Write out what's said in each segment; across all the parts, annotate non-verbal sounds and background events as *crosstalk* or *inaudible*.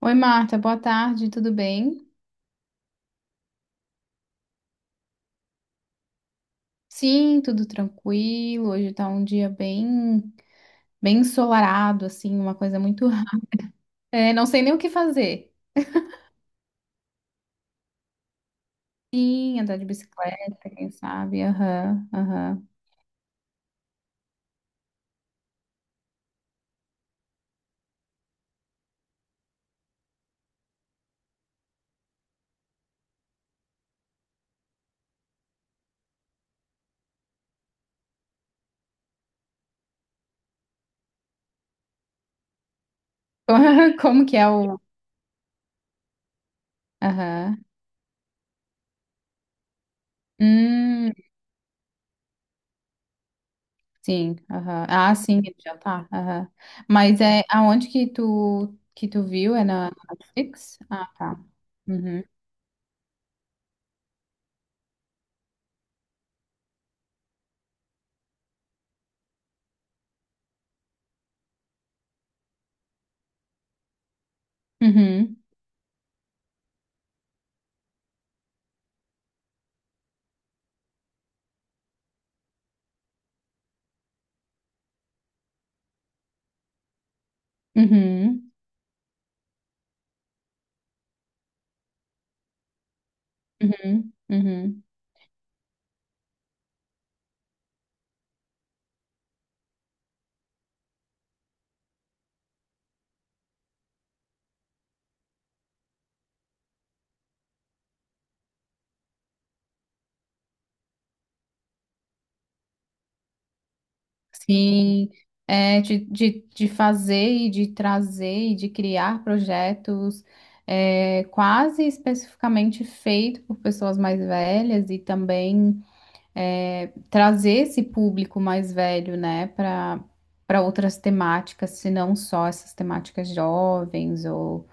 Oi, Marta, boa tarde, tudo bem? Sim, tudo tranquilo. Hoje tá um dia bem, bem ensolarado, assim, uma coisa muito. *laughs* É, não sei nem o que fazer. Sim, andar de bicicleta, quem sabe? Aham, aham. *laughs* Como que é o. Aham. Hum, sim, aham. Ah, sim, ele já tá. Aham. Mas é aonde que tu viu? É na Netflix? Ah, tá. Uhum. Uhum. Uhum. Uhum. Uhum. Sim, de fazer e de trazer e de criar projetos quase especificamente feito por pessoas mais velhas e também trazer esse público mais velho, né, para outras temáticas, se não só essas temáticas jovens ou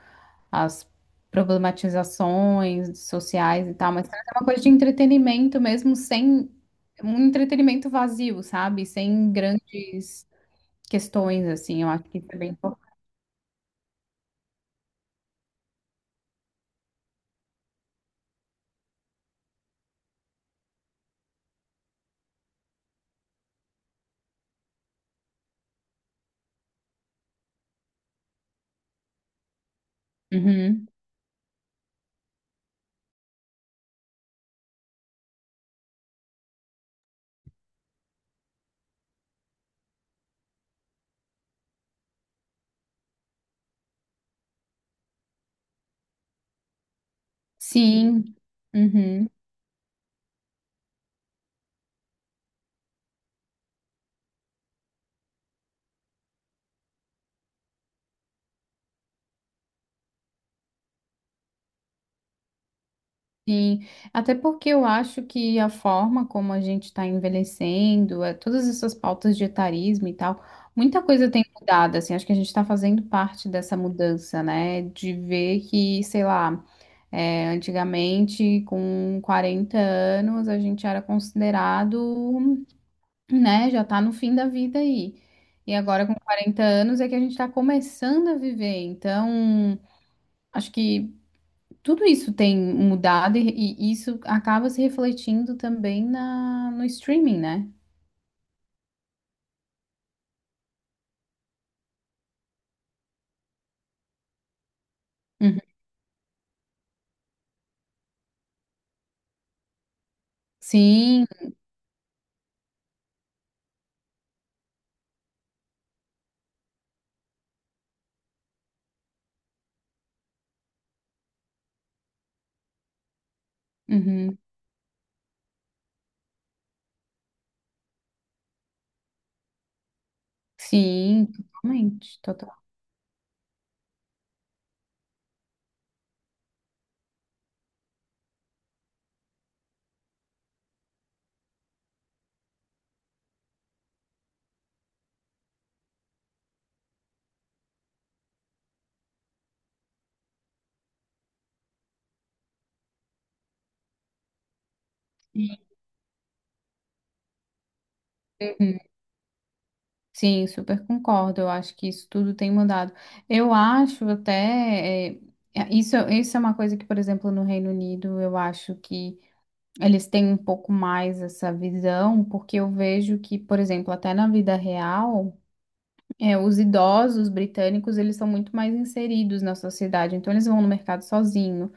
as problematizações sociais e tal, mas traz uma coisa de entretenimento mesmo, sem um entretenimento vazio, sabe? Sem grandes questões, assim, eu acho que isso é bem importante. Uhum. Sim, uhum. Sim, até porque eu acho que a forma como a gente está envelhecendo, todas essas pautas de etarismo e tal, muita coisa tem mudado, assim, acho que a gente está fazendo parte dessa mudança, né? De ver que, sei lá, antigamente, com 40 anos, a gente era considerado, né, já tá no fim da vida aí. E agora, com 40 anos, é que a gente está começando a viver. Então, acho que tudo isso tem mudado e isso acaba se refletindo também no streaming, né? Uhum. Sim, uhum. Sim, totalmente, totalmente. Sim, super concordo. Eu acho que isso tudo tem mudado. Eu acho até. Isso é uma coisa que, por exemplo, no Reino Unido, eu acho que eles têm um pouco mais essa visão, porque eu vejo que, por exemplo, até na vida real, os idosos britânicos, eles são muito mais inseridos na sociedade. Então, eles vão no mercado sozinho.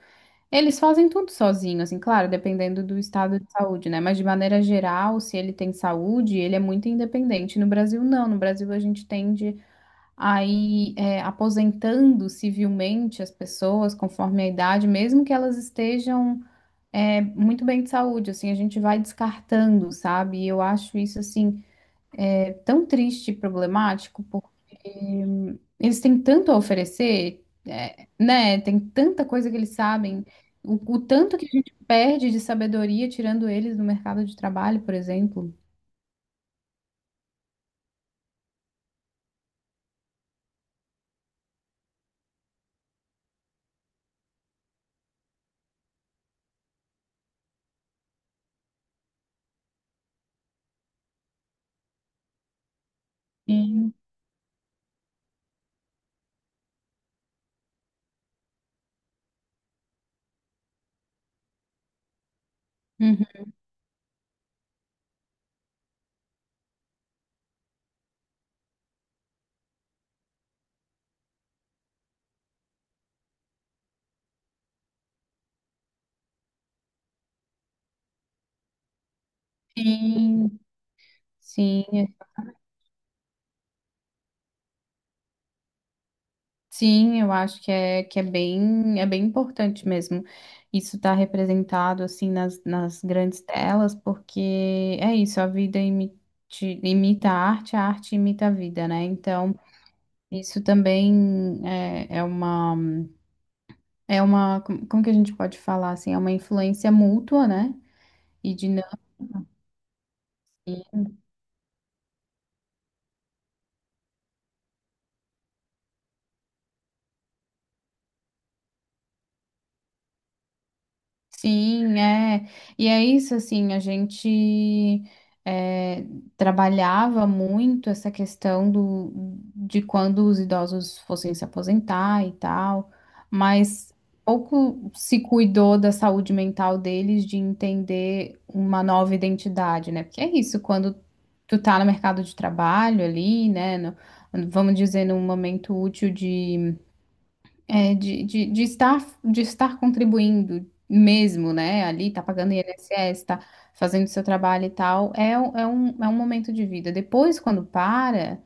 Eles fazem tudo sozinho, assim, claro, dependendo do estado de saúde, né? Mas de maneira geral, se ele tem saúde, ele é muito independente. No Brasil, não. No Brasil, a gente tende. Aí, aposentando civilmente as pessoas conforme a idade, mesmo que elas estejam, muito bem de saúde, assim, a gente vai descartando, sabe? E eu acho isso, assim, é tão triste e problemático, porque eles têm tanto a oferecer, é, né? Tem tanta coisa que eles sabem. O tanto que a gente perde de sabedoria tirando eles do mercado de trabalho, por exemplo. Sim. Uhum. Sim, sim. Sim, eu acho que é bem importante mesmo. Isso estar representado assim nas grandes telas, porque é isso, a vida imita a arte imita a vida, né? Então, isso também é, como que a gente pode falar assim, é uma influência mútua, né? E dinâmica. Sim, é. E é isso, assim, a gente é, trabalhava muito essa questão de quando os idosos fossem se aposentar e tal, mas pouco se cuidou da saúde mental deles, de entender uma nova identidade, né? Porque é isso, quando tu tá no mercado de trabalho ali, né, no- vamos dizer, num momento útil de de estar contribuindo mesmo, né? Ali, tá pagando INSS, tá fazendo seu trabalho e tal, é, é um momento de vida. Depois, quando para,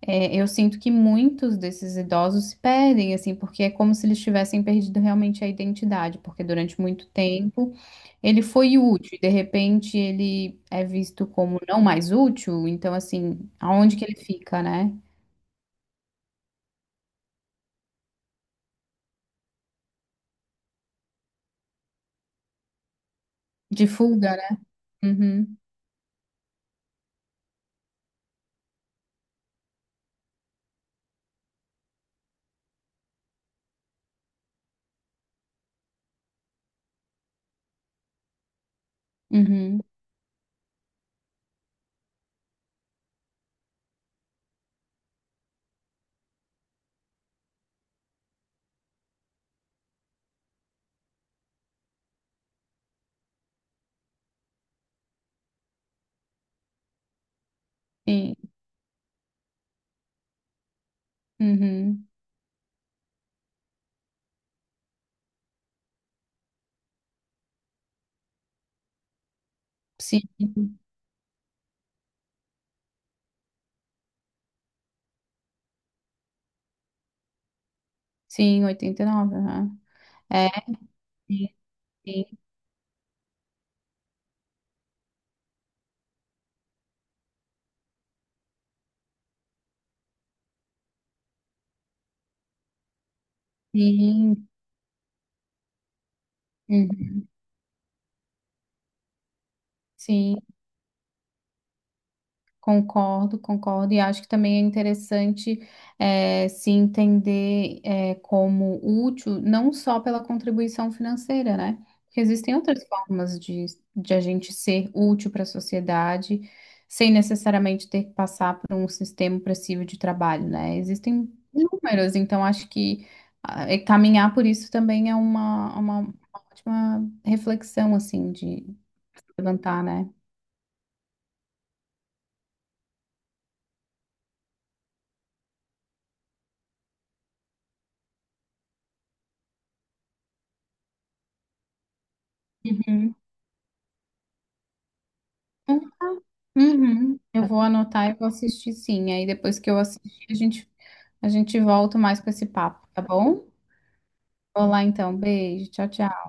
eu sinto que muitos desses idosos se perdem, assim, porque é como se eles tivessem perdido realmente a identidade, porque durante muito tempo ele foi útil, e de repente ele é visto como não mais útil, então, assim, aonde que ele fica, né? De fuga, né? Uhum, uhum, sim, uhum. Sim, sim, 89. Aham. É, sim, sim, sim. Uhum, sim. Concordo, concordo, e acho que também é interessante se entender como útil, não só pela contribuição financeira, né? Porque existem outras formas de a gente ser útil para a sociedade, sem necessariamente ter que passar por um sistema opressivo de trabalho, né? Existem inúmeras, então acho que caminhar por isso também é uma ótima reflexão, assim, de levantar, né? Uhum. Então, Uhum. Eu vou anotar e vou assistir sim. Aí depois que eu assistir, a gente volta mais com esse papo, tá bom? Vou lá então. Beijo. Tchau, tchau.